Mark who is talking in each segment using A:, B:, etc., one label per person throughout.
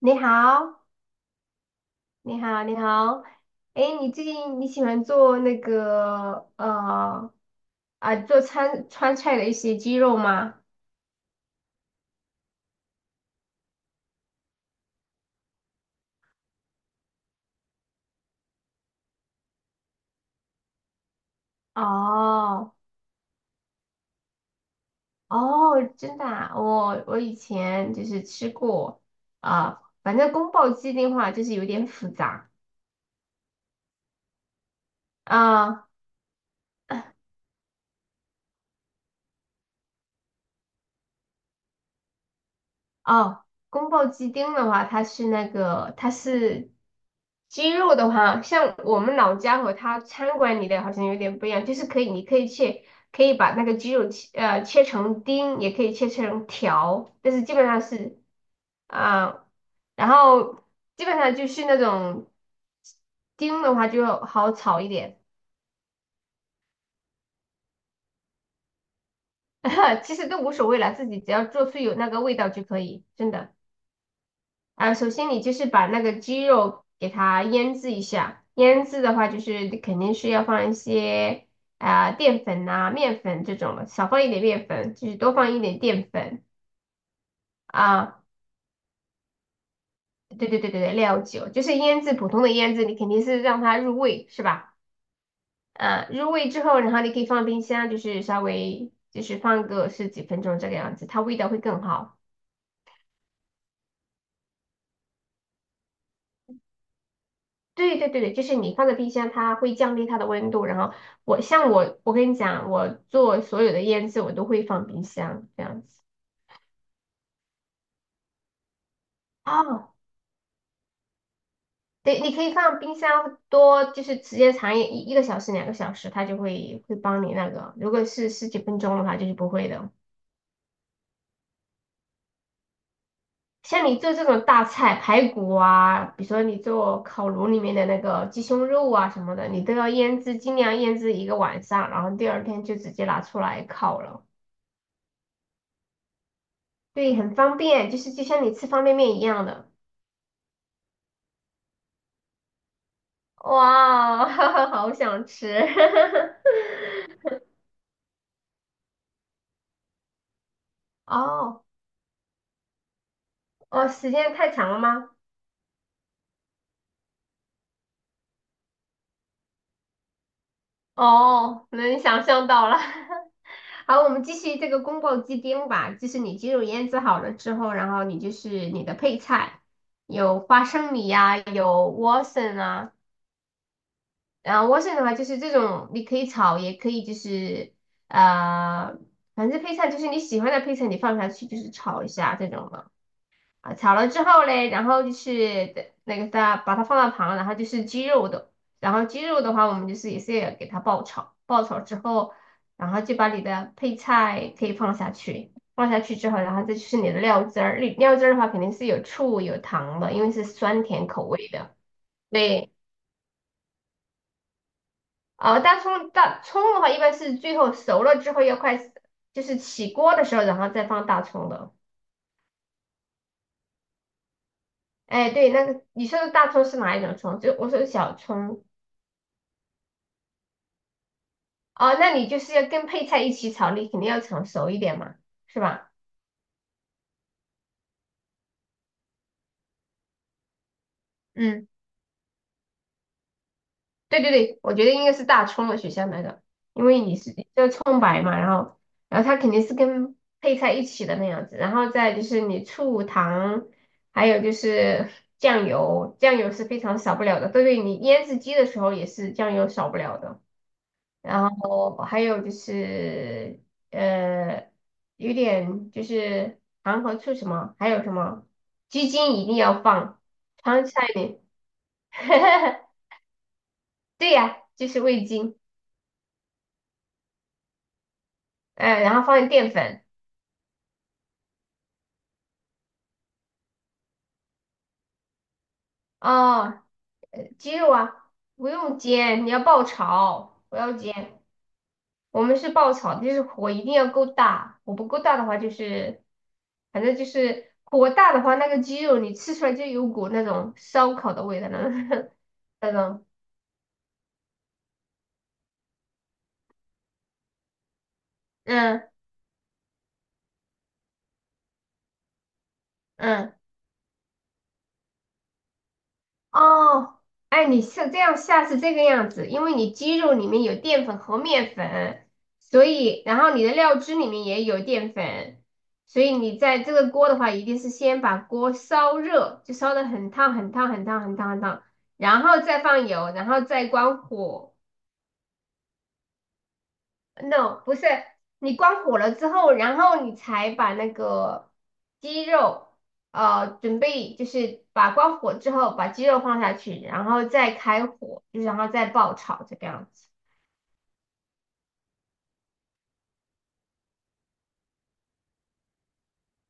A: 你好，你好，你好。哎，你最近喜欢做川菜的一些鸡肉吗？哦哦，真的啊我以前就是吃过啊、反正宫保鸡丁的话就是有点复杂啊、哦，宫保鸡丁的话，它是那个，它是鸡肉的话，像我们老家和它餐馆里的好像有点不一样，就是可以，你可以切，可以把那个鸡肉切，切成丁，也可以切成条，但是基本上是，啊、然后基本上就是那种丁的话就好炒一点，其实都无所谓了，自己只要做出有那个味道就可以，真的。啊，首先你就是把那个鸡肉给它腌制一下，腌制的话就是肯定是要放一些淀粉呐、面粉这种的，少放一点面粉，就是多放一点淀粉啊。对对对对对，料酒就是腌制，普通的腌制，你肯定是让它入味，是吧？啊，入味之后，然后你可以放冰箱，就是稍微就是放个十几分钟这个样子，它味道会更好。对对对对，就是你放在冰箱，它会降低它的温度。然后我跟你讲，我做所有的腌制，我都会放冰箱这样子。哦，对，你可以放冰箱多，就是时间长一个小时、2个小时，它就会帮你那个。如果是十几分钟的话，就是不会的。像你做这种大菜，排骨啊，比如说你做烤炉里面的那个鸡胸肉啊什么的，你都要腌制，尽量腌制一个晚上，然后第二天就直接拿出来烤了。对，很方便，就是就像你吃方便面一样的。哇，好想吃！哦哦，时间太长了吗？哦，能想象到了。好，我们继续这个宫爆鸡丁吧。就是你鸡肉腌制好了之后，然后你就是你的配菜，有花生米呀、有莴笋啊。然后莴笋的话，就是这种你可以炒，也可以就是呃，反正配菜就是你喜欢的配菜，你放下去就是炒一下这种的。啊，炒了之后嘞，然后就是的那个它把它放到旁，然后鸡肉的话，我们就是也是要给它爆炒，爆炒之后，然后就把你的配菜可以放下去，放下去之后，然后再就是你的料汁儿，你料汁儿的话肯定是有醋有糖的，因为是酸甜口味的。对，大葱的话，一般是最后熟了之后要快，就是起锅的时候，然后再放大葱的。哎，对，那个你说的大葱是哪一种葱？就我说的小葱。哦，那你就是要跟配菜一起炒，你肯定要炒熟一点嘛，是吧？嗯，对对对，我觉得应该是大葱的选项那个，因为你是就葱白嘛，然后它肯定是跟配菜一起的那样子，然后再就是你醋、糖，还有就是酱油，酱油是非常少不了的。对对，你腌制鸡的时候也是酱油少不了的。然后还有就是呃，有点就是糖和醋什么，还有什么鸡精一定要放，川菜里 对呀，就是味精，然后放点淀粉，哦，鸡肉啊，不用煎，你要爆炒，不要煎。我们是爆炒的，就是火一定要够大，火不够大的话就是，反正就是火大的话，那个鸡肉你吃出来就有股那种烧烤的味道了，那种，嗯嗯。哦，哎，你是这样下是这个样子，因为你鸡肉里面有淀粉和面粉，所以然后你的料汁里面也有淀粉，所以你在这个锅的话，一定是先把锅烧热，就烧的很烫很烫很烫很烫很烫，然后再放油，然后再关火。No，不是，你关火了之后，然后你才把那个鸡肉，准备就是把关火之后把鸡肉放下去，然后再开火，就是然后再爆炒这个样子。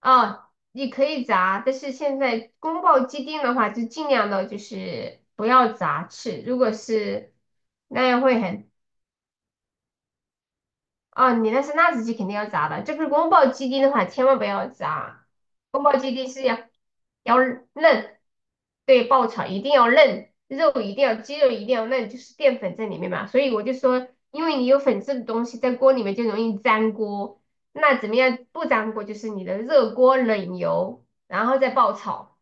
A: 哦，你可以炸，但是现在宫爆鸡丁的话，就尽量的就是不要炸翅，如果是那样会很。哦，你那是辣子鸡肯定要炸的，这个宫保鸡丁的话千万不要炸，宫保鸡丁是要要嫩，对，爆炒一定要嫩，肉一定要鸡肉一定要嫩，就是淀粉在里面嘛，所以我就说，因为你有粉质的东西在锅里面就容易粘锅，那怎么样不粘锅？就是你的热锅冷油，然后再爆炒，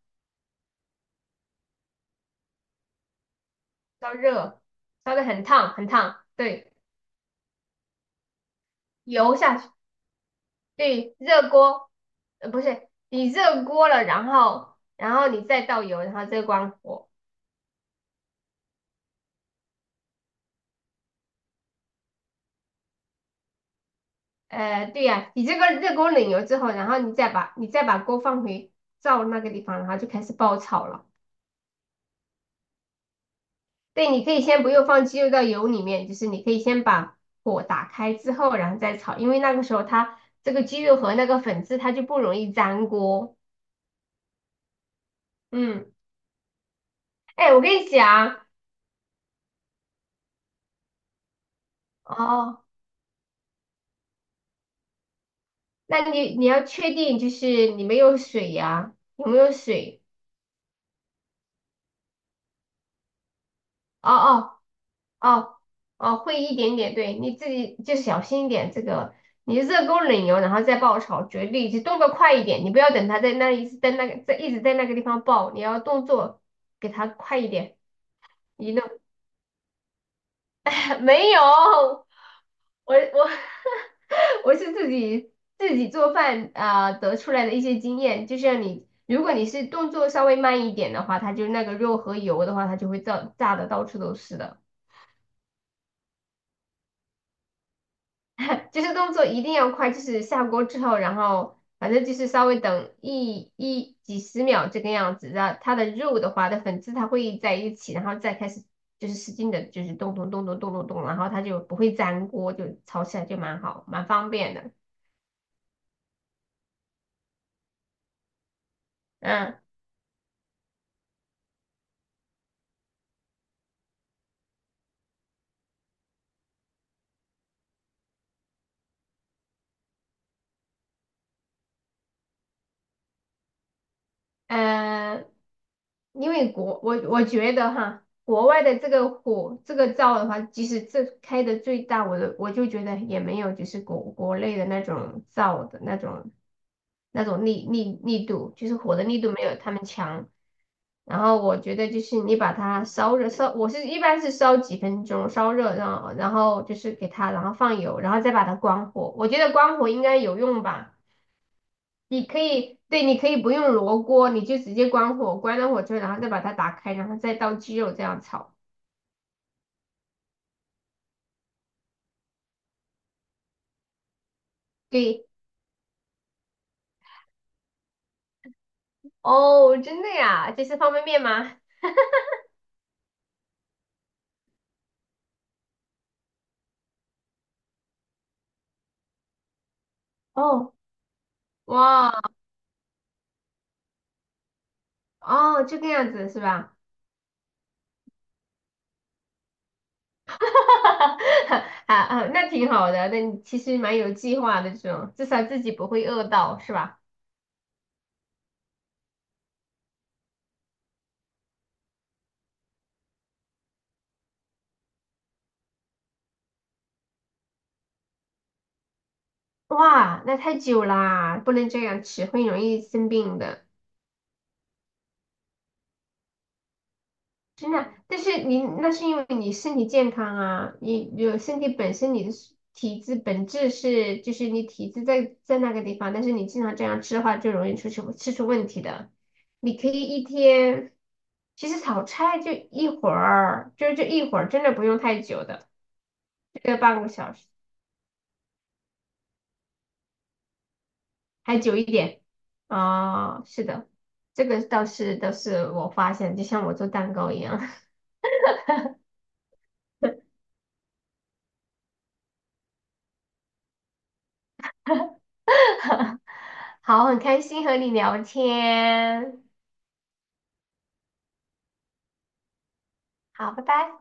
A: 烧热，烧得很烫很烫，对，油下去。对，热锅，不是，你热锅了，然后你再倒油，然后再关火。对呀、你这个热锅冷油之后，然后你再把锅放回灶那个地方，然后就开始爆炒了。对，你可以先不用放鸡肉到油里面，就是你可以先把火打开之后，然后再炒，因为那个时候它这个鸡肉和那个粉质它就不容易粘锅。嗯，哎，我跟你讲，哦，那你要确定就是你没有水呀、有没有水？哦哦哦哦，会一点点，对，你自己就小心一点。这个你热锅冷油，然后再爆炒，绝对就动作快一点，你不要等它在那里一直在那个地方爆，你要动作给它快一点。移动 没有，我 我是自己做饭啊、得出来的一些经验，就像你，如果你是动作稍微慢一点的话，它就那个肉和油的话，它就会炸的到处都是的。就是动作一定要快，就是下锅之后，然后反正就是稍微等一几十秒这个样子，然后它的肉的话的粉质它会在一起，然后再开始就是使劲的，就是动动动动动动动，然后它就不会粘锅，就炒起来就蛮好，蛮方便的。嗯。呃，因为我觉得哈，国外的这个火这个灶的话，即使这开的最大，我就觉得也没有就是国内的那种灶的那种力度，就是火的力度没有他们强。然后我觉得就是你把它烧热，我一般是烧几分钟，烧热，然后就是给它，然后放油，然后再把它关火。我觉得关火应该有用吧。你可以，对，你可以不用罗锅，你就直接关火，关了火之后，然后再把它打开，然后再倒鸡肉这样炒。对，哦，真的呀，这是方便面吗？哦，哇，哦，这个样子是吧？啊啊，那挺好的，那你其实蛮有计划的这种，至少自己不会饿到，是吧？哇，那太久啦，不能这样吃，会容易生病的。真的，但是你那是因为你身体健康啊，你有身体本身你的是体质本质是就是你体质在那个地方，但是你经常这样吃的话，就容易吃出问题的。你可以一天，其实炒菜就一会儿，就是这一会儿，真的不用太久的，这个半个小时还久一点是的，这个倒是我发现，就像我做蛋糕一样。好，很开心和你聊天。好，拜拜。